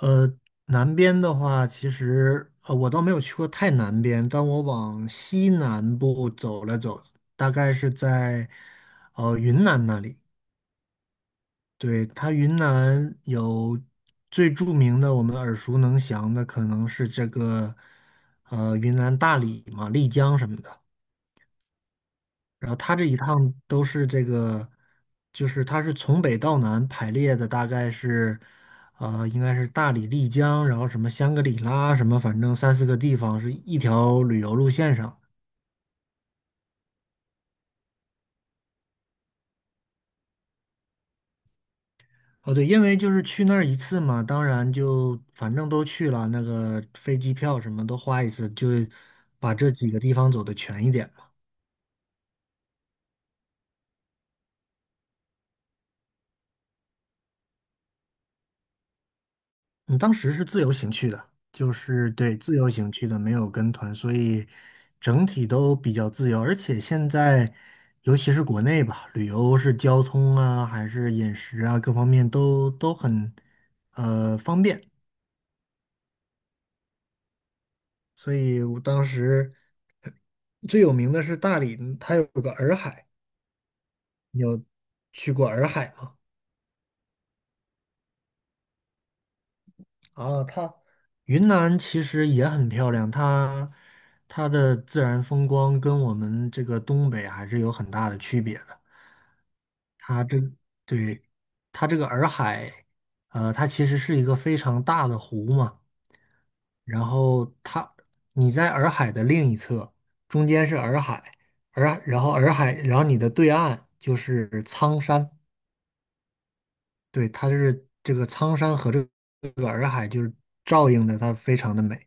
呃，南边的话，其实我倒没有去过太南边，但我往西南部走了走，大概是在云南那里。对，它云南有最著名的，我们耳熟能详的，可能是这个云南大理嘛、丽江什么的。然后他这一趟都是这个，就是他是从北到南排列的，大概是，应该是大理、丽江，然后什么香格里拉，什么反正三四个地方是一条旅游路线上。哦，对，因为就是去那儿一次嘛，当然就反正都去了，那个飞机票什么都花一次，就把这几个地方走的全一点。你当时是自由行去的，就是对自由行去的，没有跟团，所以整体都比较自由。而且现在，尤其是国内吧，旅游是交通啊，还是饮食啊，各方面都很方便。所以我当时最有名的是大理，它有个洱海，你有去过洱海吗？啊，它云南其实也很漂亮，它的自然风光跟我们这个东北还是有很大的区别的。它这对它这个洱海，它其实是一个非常大的湖嘛。然后它你在洱海的另一侧，中间是洱海，然后洱海，然后你的对岸就是苍山，对，它就是这个苍山和这个洱海就是照应的，它非常的美。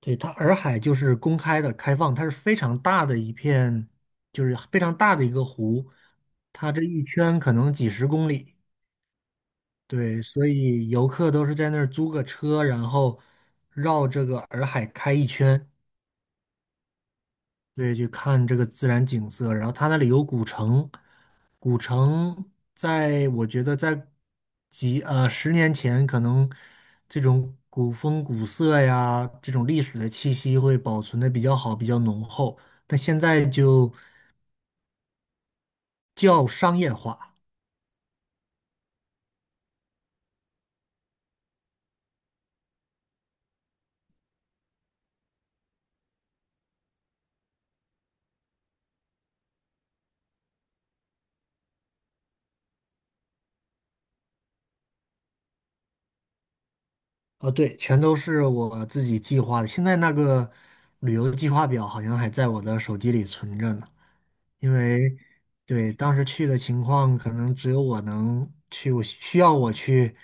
对，它洱海就是公开的、开放，它是非常大的一片，就是非常大的一个湖，它这一圈可能几十公里。对，所以游客都是在那儿租个车，然后绕这个洱海开一圈。对，去看这个自然景色。然后它那里有古城，古城在我觉得在几十年前，可能这种古风古色呀，这种历史的气息会保存的比较好，比较浓厚。但现在就较商业化。哦，对，全都是我自己计划的。现在那个旅游计划表好像还在我的手机里存着呢，因为对当时去的情况，可能只有我能去，我需要我去，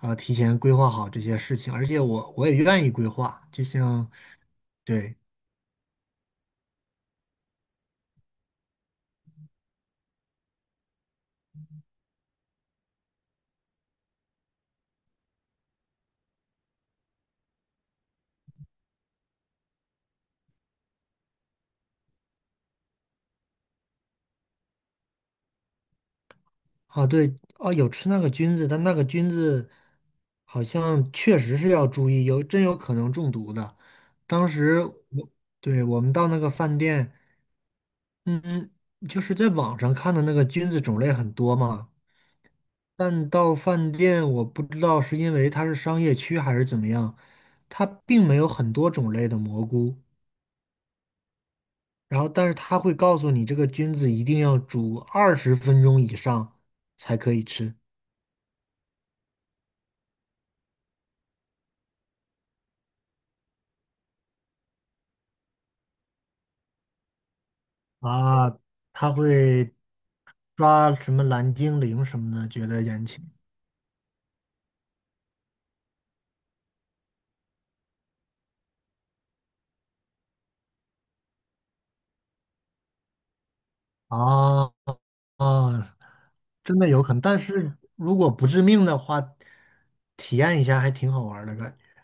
提前规划好这些事情，而且我也愿意规划。就像，对，哦，对，哦，有吃那个菌子，但那个菌子好像确实是要注意，有真有可能中毒的。当时我，对，我们到那个饭店。嗯，就是在网上看的那个菌子种类很多嘛，但到饭店我不知道是因为它是商业区还是怎么样，它并没有很多种类的蘑菇，然后但是它会告诉你这个菌子一定要煮二十分钟以上才可以吃啊，它会抓什么蓝精灵什么的，觉得眼前啊啊，真的有可能，但是如果不致命的话，体验一下还挺好玩儿的感觉。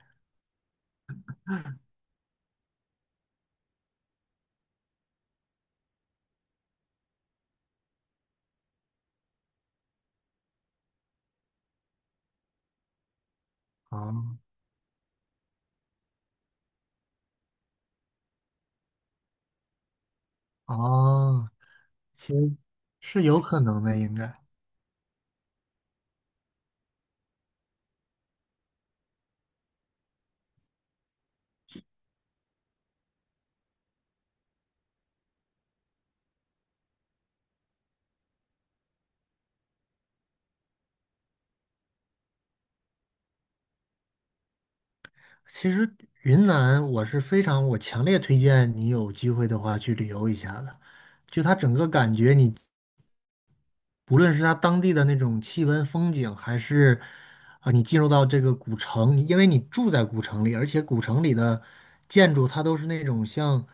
哦哦，其实是有可能的，应该。其实云南我是非常，我强烈推荐你有机会的话去旅游一下的。就它整个感觉你，不论是它当地的那种气温、风景，还是啊、你进入到这个古城，你因为你住在古城里，而且古城里的建筑它都是那种像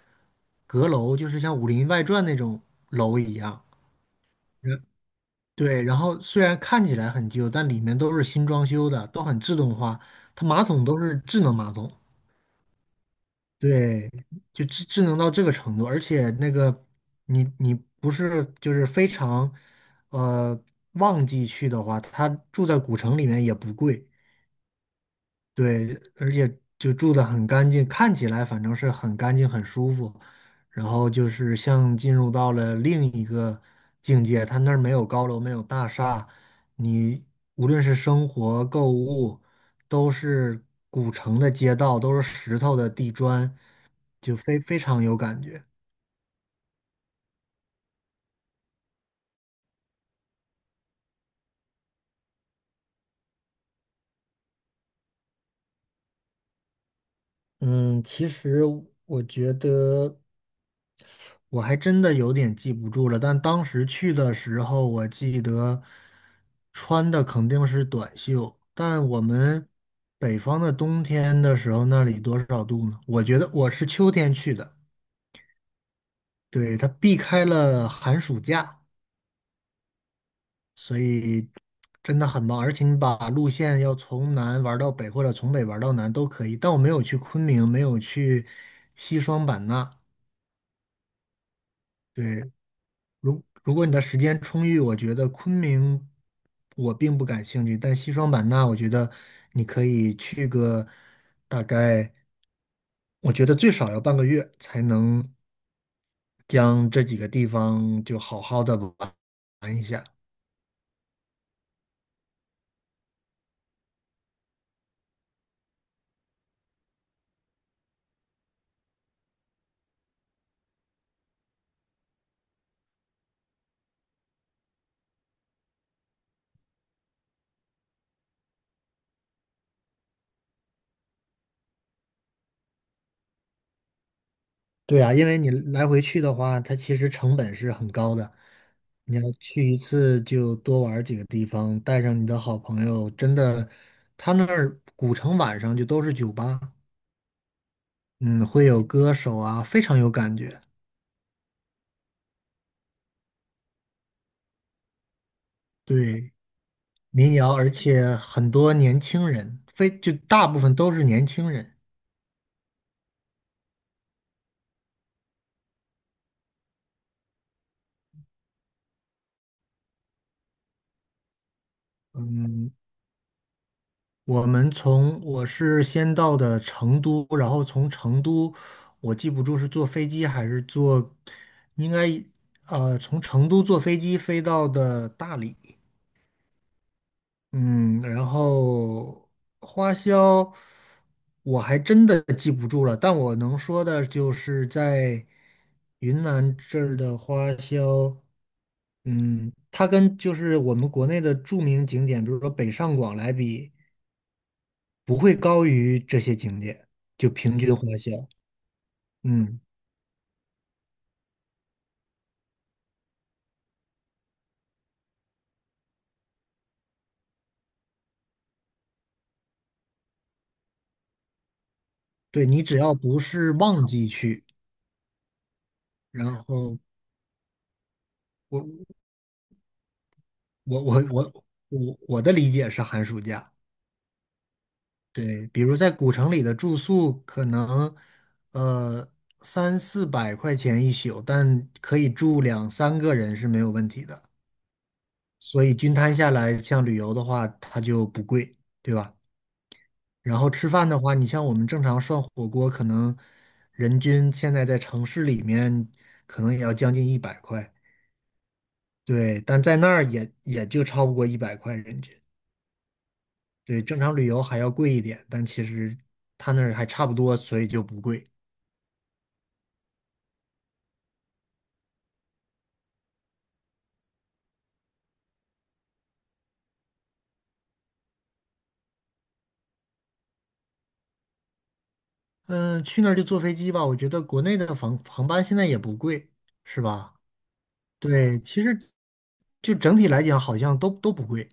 阁楼，就是像《武林外传》那种楼一样。对，然后虽然看起来很旧，但里面都是新装修的，都很自动化，它马桶都是智能马桶。对，就智能到这个程度，而且那个你不是就是非常呃旺季去的话，它住在古城里面也不贵，对，而且就住得很干净，看起来反正是很干净、很舒服。然后就是像进入到了另一个境界，它那儿没有高楼，没有大厦，你无论是生活、购物，都是古城的街道，都是石头的地砖，就非常有感觉。嗯，其实我觉得。我还真的有点记不住了，但当时去的时候，我记得穿的肯定是短袖。但我们北方的冬天的时候，那里多少度呢？我觉得我是秋天去的，对，它避开了寒暑假，所以真的很棒。而且你把路线要从南玩到北，或者从北玩到南都可以。但我没有去昆明，没有去西双版纳，对，如果你的时间充裕，我觉得昆明我并不感兴趣，但西双版纳，我觉得你可以去个大概，我觉得最少要半个月才能将这几个地方就好好的玩一下。对啊，因为你来回去的话，它其实成本是很高的。你要去一次就多玩儿几个地方，带上你的好朋友，真的，他那儿古城晚上就都是酒吧。嗯，会有歌手啊，非常有感觉。对，民谣，而且很多年轻人，非就大部分都是年轻人。嗯，我们从我是先到的成都，然后从成都，我记不住是坐飞机还是坐，应该从成都坐飞机飞到的大理。嗯，然后花销我还真的记不住了，但我能说的就是在云南这儿的花销，嗯，它跟就是我们国内的著名景点，比如说北上广来比，不会高于这些景点，就平均花销。嗯，对，你只要不是旺季去，然后我我的理解是寒暑假。对，比如在古城里的住宿，可能呃三四百块钱一宿，但可以住两三个人是没有问题的。所以均摊下来，像旅游的话，它就不贵，对吧？然后吃饭的话，你像我们正常涮火锅，可能人均现在在城市里面，可能也要将近一百块，对，但在那儿也就超不过一百块人均。对，正常旅游还要贵一点，但其实他那儿还差不多，所以就不贵。嗯，去那儿就坐飞机吧。我觉得国内的航班现在也不贵，是吧？对，其实就整体来讲，好像都不贵。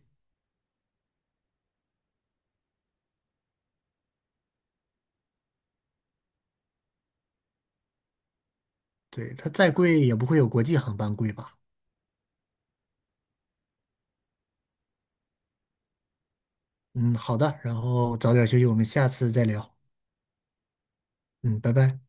对，它再贵也不会有国际航班贵吧？嗯，好的，然后早点休息，我们下次再聊。嗯，拜拜。